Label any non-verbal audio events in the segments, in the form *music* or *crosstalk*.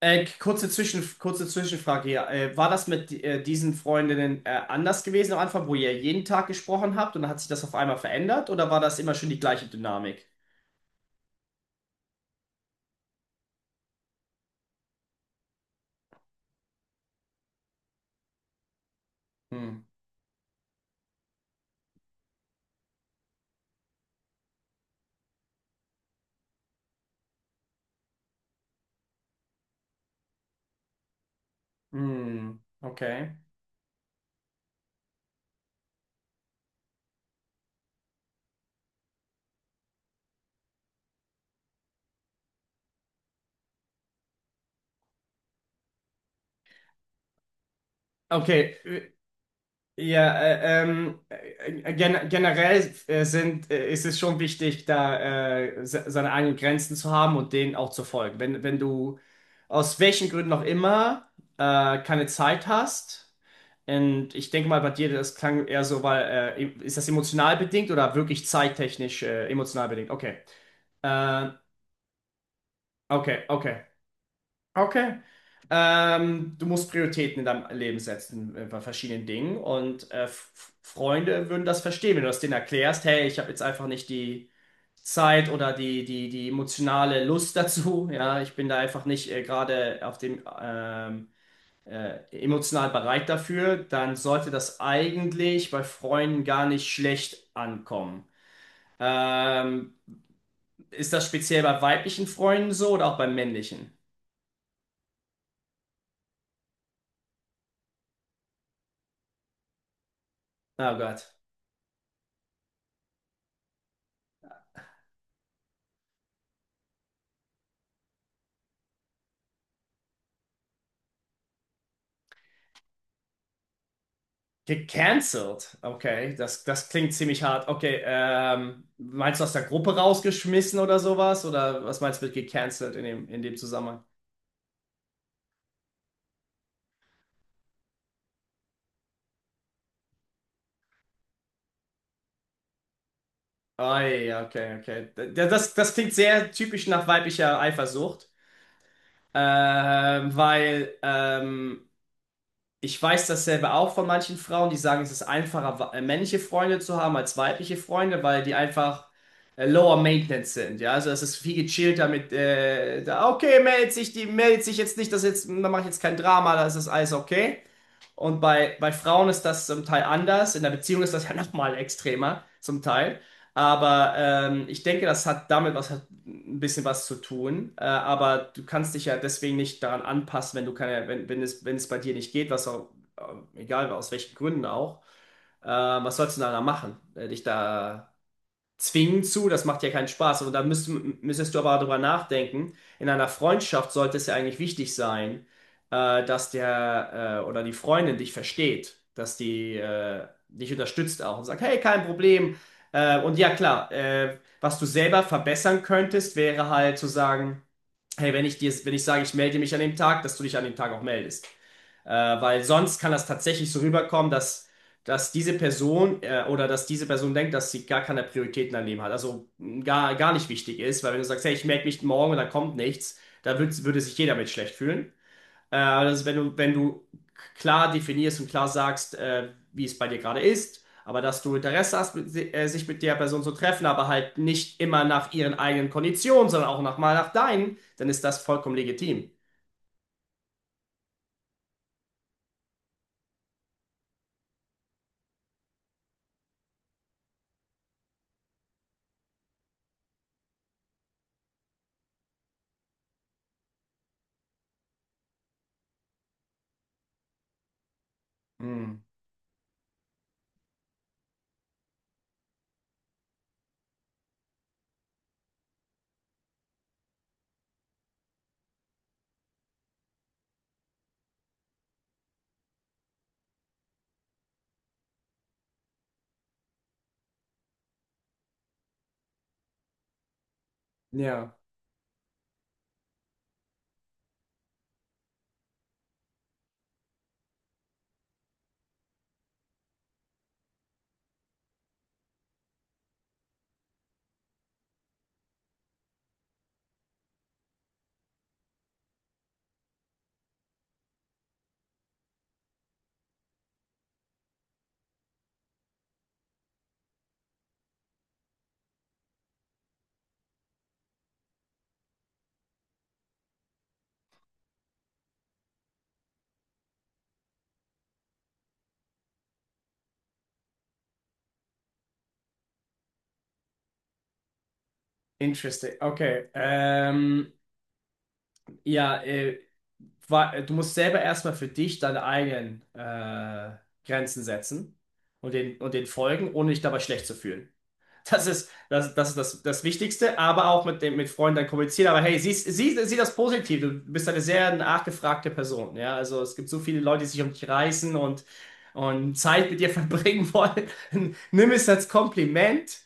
Kurze Zwischenfrage hier. War das mit diesen Freundinnen anders gewesen am Anfang, wo ihr jeden Tag gesprochen habt und dann hat sich das auf einmal verändert oder war das immer schon die gleiche Dynamik? Hm. Hm. Okay. Okay. Ja, generell ist es schon wichtig, da se seine eigenen Grenzen zu haben und denen auch zu folgen. Wenn du aus welchen Gründen auch immer keine Zeit hast, und ich denke mal bei dir, das klang eher so, weil ist das emotional bedingt oder wirklich zeittechnisch emotional bedingt? Okay. Äh, okay, okay. Okay. Du musst Prioritäten in deinem Leben setzen bei verschiedenen Dingen und F Freunde würden das verstehen, wenn du das denen erklärst. Hey, ich habe jetzt einfach nicht die Zeit oder die emotionale Lust dazu. *laughs* Ja, ich bin da einfach nicht gerade auf dem emotional bereit dafür, dann sollte das eigentlich bei Freunden gar nicht schlecht ankommen. Ähm, ist das speziell bei weiblichen Freunden so oder auch bei männlichen? Oh Gott. Gecancelt? Okay, das klingt ziemlich hart. Okay, meinst du aus der Gruppe rausgeschmissen oder sowas? Oder was meinst du mit gecancelt in in dem Zusammenhang? Ah, ja, okay, okay. Das klingt sehr typisch nach weiblicher Eifersucht. Weil ich weiß dasselbe auch von manchen Frauen, die sagen, es ist einfacher, männliche Freunde zu haben als weibliche Freunde, weil die einfach lower maintenance sind. Ja, also es ist viel gechillter mit, da, okay, die meldet sich jetzt nicht, da mache ich jetzt kein Drama, das ist alles okay. Und bei Frauen ist das zum Teil anders. In der Beziehung ist das ja *laughs* nochmal extremer, zum Teil. Aber ich denke, das hat damit was, hat ein bisschen was zu tun. Aber du kannst dich ja deswegen nicht daran anpassen, wenn du keine, wenn es bei dir nicht geht, was auch, egal aus welchen Gründen auch, was sollst du denn da machen? Dich da zwingen zu, das macht ja keinen Spaß. Und da müsstest du aber darüber nachdenken. In einer Freundschaft sollte es ja eigentlich wichtig sein, dass der oder die Freundin dich versteht, dass die dich unterstützt auch und sagt, hey, kein Problem. Und ja, klar, was du selber verbessern könntest, wäre halt zu sagen, hey, wenn ich sage, ich melde mich an dem Tag, dass du dich an dem Tag auch meldest. Äh, weil sonst kann das tatsächlich so rüberkommen, dass diese Person oder dass diese Person denkt, dass sie gar keine Prioritäten im Leben hat, also mh, gar nicht wichtig ist, weil wenn du sagst, hey, ich melde mich morgen und da kommt nichts, da würde sich jeder mit schlecht fühlen. Also wenn du klar definierst und klar sagst, wie es bei dir gerade ist, aber dass du Interesse hast, sich mit der Person zu treffen, aber halt nicht immer nach ihren eigenen Konditionen, sondern auch mal nach deinen, dann ist das vollkommen legitim. Hm. Ja, interesting. Okay. Ja, du musst selber erstmal für dich deine eigenen Grenzen setzen und den folgen, ohne dich dabei schlecht zu fühlen. Das ist das Wichtigste, aber auch mit Freunden dann kommunizieren. Aber hey, sieh das positiv. Du bist eine sehr nachgefragte Person. Ja? Also es gibt so viele Leute, die sich um dich reißen und Zeit mit dir *laughs* verbringen wollen. Nimm es als Kompliment,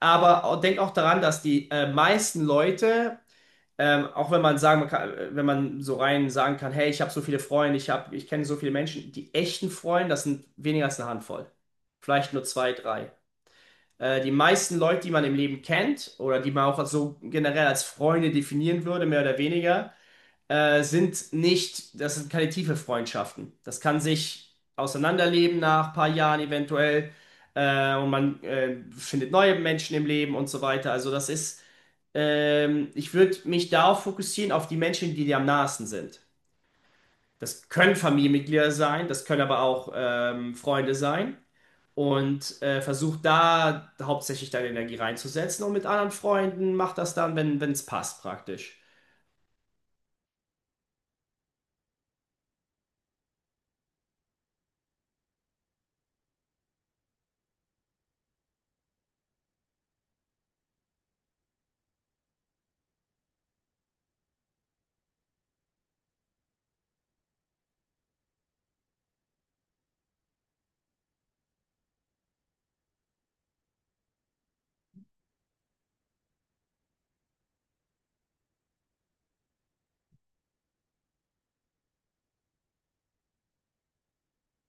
aber auch- denk auch daran, dass die meisten Leute auch wenn man sagen man kann, wenn man so rein sagen kann, hey, ich habe so viele Freunde, ich kenne so viele Menschen, die echten Freunde, das sind weniger als eine Handvoll. Vielleicht nur zwei, drei. Die meisten Leute, die man im Leben kennt oder die man auch so generell als Freunde definieren würde, mehr oder weniger, sind nicht, das sind keine tiefe Freundschaften. Das kann sich auseinanderleben nach ein paar Jahren eventuell und man findet neue Menschen im Leben und so weiter. Ich würde mich darauf fokussieren, auf die Menschen, die dir am nahesten sind. Das können Familienmitglieder sein, das können aber auch Freunde sein. Und versuch da hauptsächlich deine Energie reinzusetzen und mit anderen Freunden mach das dann, wenn es passt, praktisch.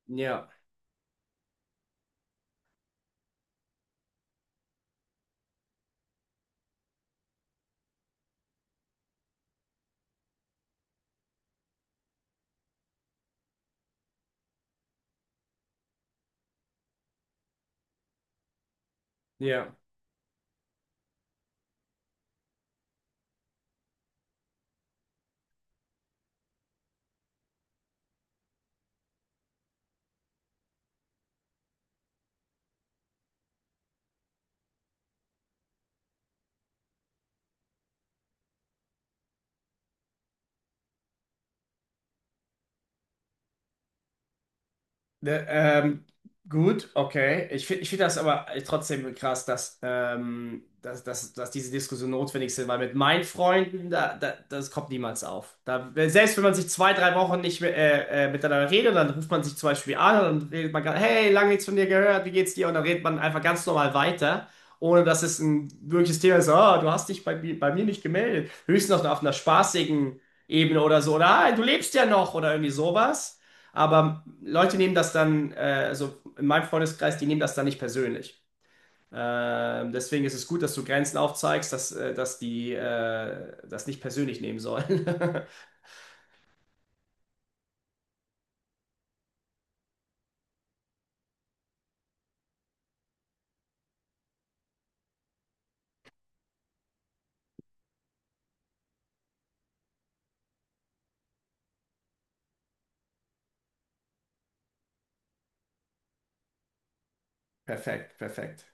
Ja, ja. Ne, gut, okay. Ich find das aber trotzdem krass, dass diese Diskussion notwendig sind, weil mit meinen Freunden, das kommt niemals auf. Da, selbst wenn man sich zwei, drei Wochen nicht mehr, miteinander redet, dann ruft man sich zum Beispiel an und dann redet man gerade, hey, lange nichts von dir gehört, wie geht's dir? Und dann redet man einfach ganz normal weiter, ohne dass es ein wirkliches Thema ist, oh, du hast dich bei mir nicht gemeldet. Höchstens noch auf einer spaßigen Ebene oder so, oder ah, du lebst ja noch oder irgendwie sowas. Aber Leute nehmen das dann, also in meinem Freundeskreis, die nehmen das dann nicht persönlich. Deswegen ist es gut, dass du Grenzen aufzeigst, dass die das nicht persönlich nehmen sollen. *laughs* Perfekt, perfekt.